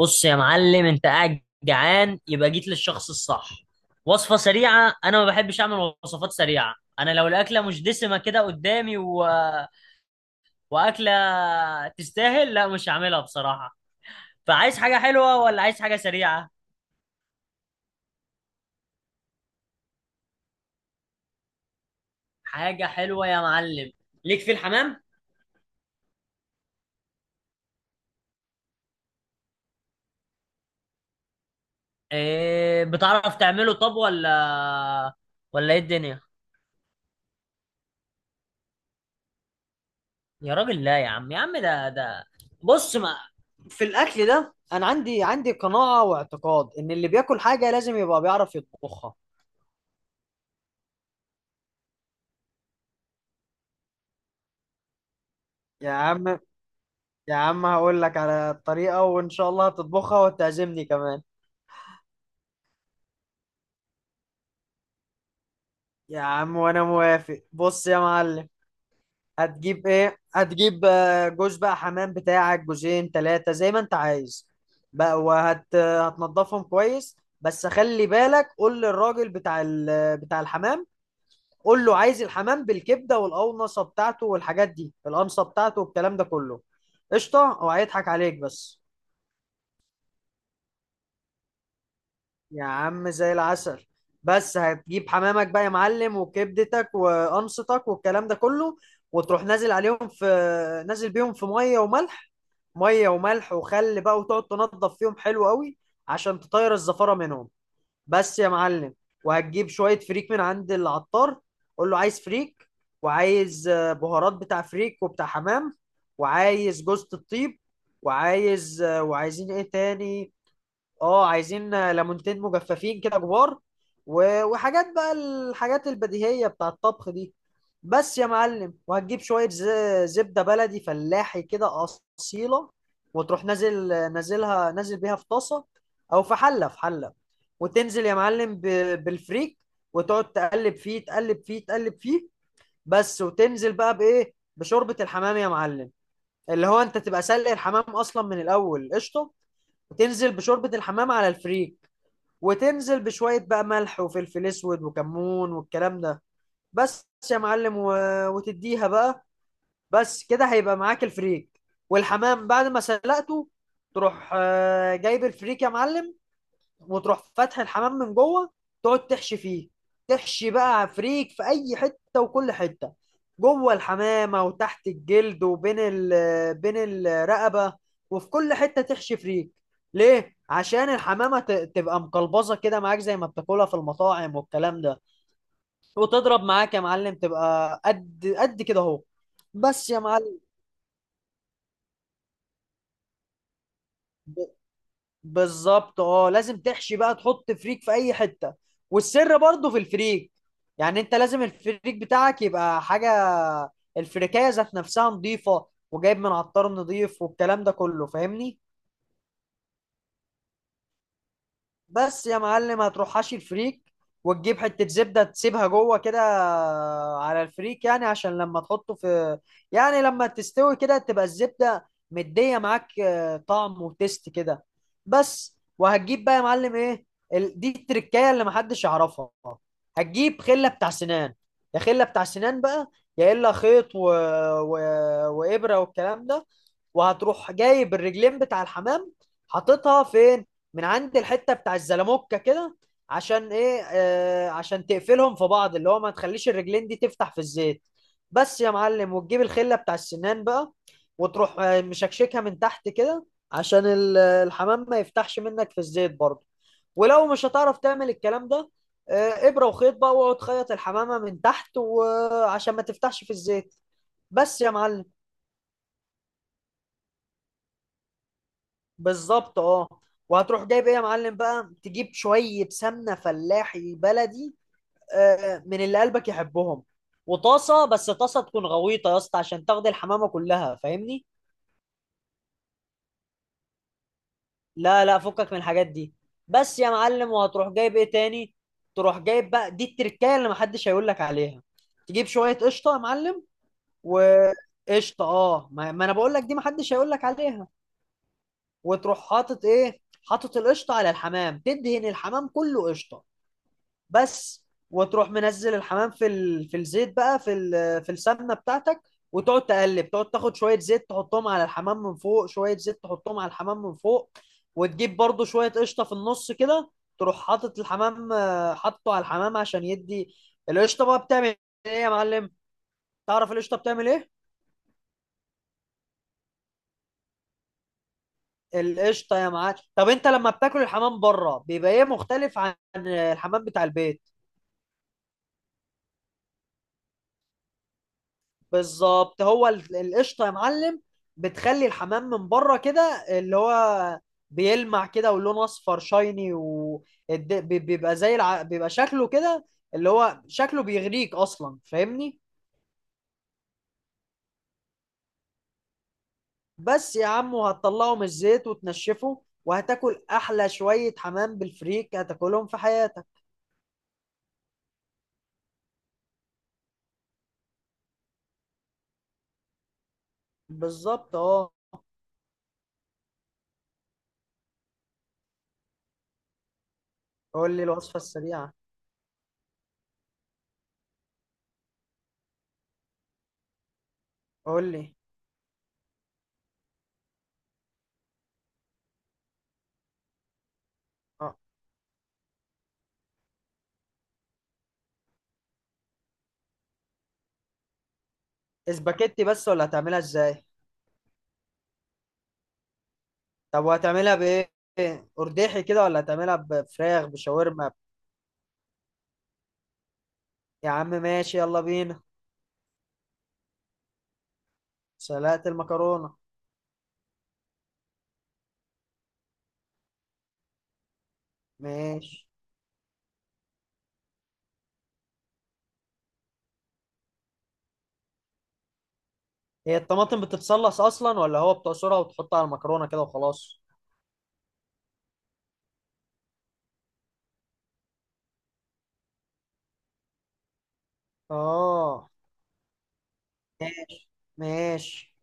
بص يا معلم، انت قاعد جعان، يبقى جيت للشخص الصح. وصفة سريعة، انا ما بحبش اعمل وصفات سريعة. انا لو الاكلة مش دسمة كده قدامي واكلة تستاهل، لا مش هعملها بصراحة. فعايز حاجة حلوة ولا عايز حاجة سريعة؟ حاجة حلوة يا معلم. ليك في الحمام. إيه، بتعرف تعمله طب ولا ايه الدنيا؟ يا راجل، لا يا عم، يا عم ده بص، ما في الاكل ده انا عندي قناعه واعتقاد ان اللي بياكل حاجه لازم يبقى بيعرف يطبخها. يا عم، يا عم هقول لك على الطريقة، وإن شاء الله هتطبخها وتعزمني كمان. يا عم وأنا موافق. بص يا معلم، هتجيب إيه؟ هتجيب جوز بقى حمام بتاعك، جوزين تلاتة زي ما أنت عايز. بقى وهت آه، هتنضفهم كويس. بس خلي بالك، قول للراجل بتاع الحمام. قول له عايز الحمام بالكبده والقونصه بتاعته والحاجات دي، القمصه بتاعته والكلام ده كله. قشطه، هو هيضحك عليك بس. يا عم زي العسل. بس هتجيب حمامك بقى يا معلم، وكبدتك وقمصتك والكلام ده كله. وتروح نازل بيهم في ميه وملح. ميه وملح وخل بقى، وتقعد تنضف فيهم حلو قوي، عشان تطير الزفاره منهم. بس يا معلم، وهتجيب شوية فريك من عند العطار. قول له عايز فريك، وعايز بهارات بتاع فريك وبتاع حمام. وعايز جوزة الطيب، وعايزين ايه تاني. اه، عايزين ليمونتين مجففين كده كبار. وحاجات بقى الحاجات البديهية بتاع الطبخ دي. بس يا معلم، وهتجيب شوية زبدة بلدي فلاحي كده، أصيلة. وتروح نازل بيها في طاسة، أو في حلة. وتنزل يا معلم بالفريك. وتقعد تقلب فيه، تقلب فيه، تقلب فيه. بس. وتنزل بقى بإيه؟ بشوربة الحمام يا معلم، اللي هو أنت تبقى سلق الحمام أصلا من الأول، قشطة. وتنزل بشوربة الحمام على الفريك. وتنزل بشوية بقى ملح وفلفل أسود وكمون والكلام ده. بس يا معلم، وتديها بقى. بس كده هيبقى معاك الفريك والحمام بعد ما سلقته. تروح جايب الفريك يا معلم، وتروح فاتح الحمام من جوه، تقعد تحشي فيه. تحشي بقى فريك في اي حته وكل حته، جوه الحمامه وتحت الجلد، وبين ال بين الرقبه. وفي كل حته تحشي فريك. ليه؟ عشان الحمامه تبقى مقلبظه كده معاك، زي ما بتاكلها في المطاعم والكلام ده. وتضرب معاك يا معلم، تبقى قد قد كده اهو. بس يا معلم. بالظبط اه، لازم تحشي بقى، تحط فريك في اي حته. والسر برضه في الفريك. يعني انت لازم الفريك بتاعك يبقى حاجه، الفريكايه ذات نفسها نظيفه، وجايب من عطار نظيف والكلام ده كله. فاهمني؟ بس يا معلم، هتروح حاشي الفريك، وتجيب حتة زبدة تسيبها جوه كده على الفريك. يعني عشان لما تحطه في يعني لما تستوي كده تبقى الزبدة مدية معاك طعم وتست كده. بس. وهتجيب بقى يا معلم ايه؟ دي التركاية اللي محدش يعرفها. هتجيب خلة بتاع سنان، يا خلة بتاع سنان بقى، يا إلا خيط و... وإبرة والكلام ده. وهتروح جايب الرجلين بتاع الحمام، حاططها فين؟ من عند الحته بتاع الزلموكه كده. عشان ايه؟ عشان تقفلهم في بعض، اللي هو ما تخليش الرجلين دي تفتح في الزيت. بس يا معلم، وتجيب الخله بتاع السنان بقى، وتروح مشكشكها من تحت كده، عشان الحمام ما يفتحش منك في الزيت برضه. ولو مش هتعرف تعمل الكلام ده، ابره وخيط بقى، واقعد خيط الحمامه من تحت وعشان ما تفتحش في الزيت. بس يا معلم. بالظبط اه. وهتروح جايب ايه يا معلم بقى؟ تجيب شويه سمنه فلاحي بلدي، من اللي قلبك يحبهم. وطاسه، بس طاسه تكون غويطه يا اسطى، عشان تاخد الحمامه كلها. فاهمني؟ لا، لا، فكك من الحاجات دي. بس يا معلم، وهتروح جايب ايه تاني؟ تروح جايب بقى، دي التركايه اللي محدش هيقول لك عليها. تجيب شويه قشطه يا معلم. وقشطه اه، ما ما انا بقول لك دي محدش هيقول لك عليها. وتروح حاطط ايه؟ حاطط القشطه على الحمام، تدهن الحمام كله قشطه. بس. وتروح منزل الحمام في الزيت بقى، في السمنه بتاعتك. وتقعد تقلب، تقعد تاخد شويه زيت تحطهم على الحمام من فوق، شويه زيت تحطهم على الحمام من فوق. وتجيب برضو شويه قشطه في النص كده. تروح حاطط الحمام آه، حاطه على الحمام عشان يدي القشطه بقى. بتعمل ايه يا معلم؟ تعرف القشطه بتعمل ايه؟ القشطه يا معلم، طب انت لما بتاكل الحمام بره بيبقى ايه مختلف عن الحمام بتاع البيت؟ بالظبط، هو القشطه يا معلم بتخلي الحمام من بره كده، اللي هو بيلمع كده، ولونه اصفر شايني، وبيبقى بيبقى شكله كده، اللي هو شكله بيغريك اصلا. فاهمني؟ بس يا عم، وهتطلعه من الزيت وتنشفه، وهتاكل احلى شويه حمام بالفريك هتاكلهم في حياتك. بالظبط اه. قول لي الوصفه السريعه. قول لي. اه، اسباجيتي بس ولا هتعملها ازاي؟ طب وهتعملها بايه؟ ارداحي كده ولا هتعملها بفراخ بشاورما؟ يا عم ماشي، يلا بينا. سلقت المكرونه. ماشي. هي الطماطم بتتصلص اصلا، ولا هو بتعصرها وتحطها على المكرونه كده وخلاص؟ اه. ماشي. ماشي.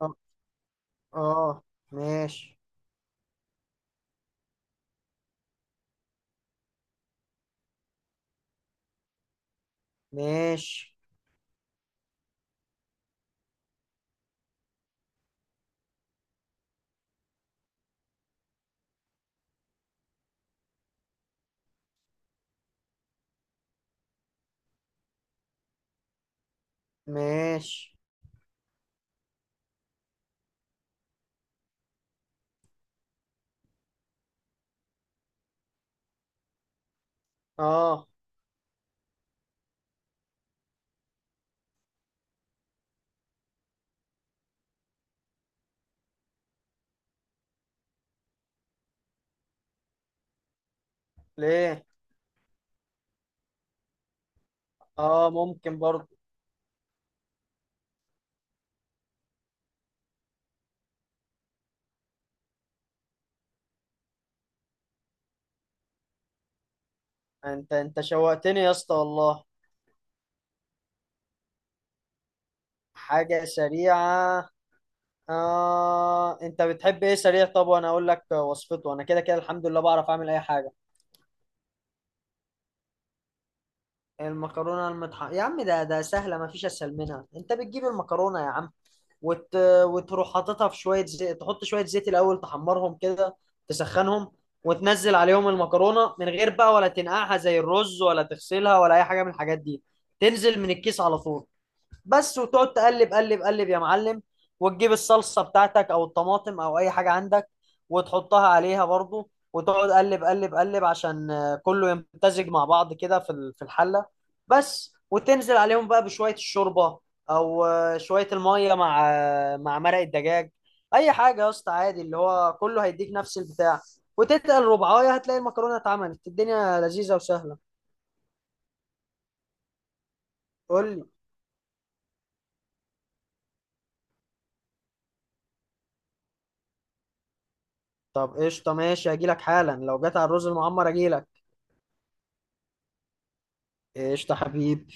اه. آه. ماشي. ماشي. ماشي. اه. ليه؟ اه، ممكن برضه. انت شوقتني يا اسطى والله. حاجه سريعه؟ آه، انت بتحب ايه سريع؟ طب وانا اقول لك وصفته، انا كده كده الحمد لله بعرف اعمل اي حاجه. المكرونه المطحنه يا عم، ده سهله ما فيش اسهل منها. انت بتجيب المكرونه يا عم وت... وتروح حاططها في شويه زيت، تحط شويه زيت الاول تحمرهم كده، تسخنهم. وتنزل عليهم المكرونه من غير بقى، ولا تنقعها زي الرز ولا تغسلها ولا اي حاجه من الحاجات دي، تنزل من الكيس على طول. بس. وتقعد تقلب قلب قلب يا معلم. وتجيب الصلصة بتاعتك او الطماطم او اي حاجة عندك، وتحطها عليها برضو وتقعد قلب قلب قلب، عشان كله يمتزج مع بعض كده في الحلة. بس. وتنزل عليهم بقى بشوية الشوربة، او شوية المية مع مرق الدجاج. اي حاجة يا اسطى عادي، اللي هو كله هيديك نفس البتاع. وتتقل ربعاية هتلاقي المكرونة اتعملت، الدنيا لذيذة وسهلة. قول لي. طب قشطة ماشي، هجيلك حالا. لو جت على الرز المعمر اجيلك. قشطة حبيب.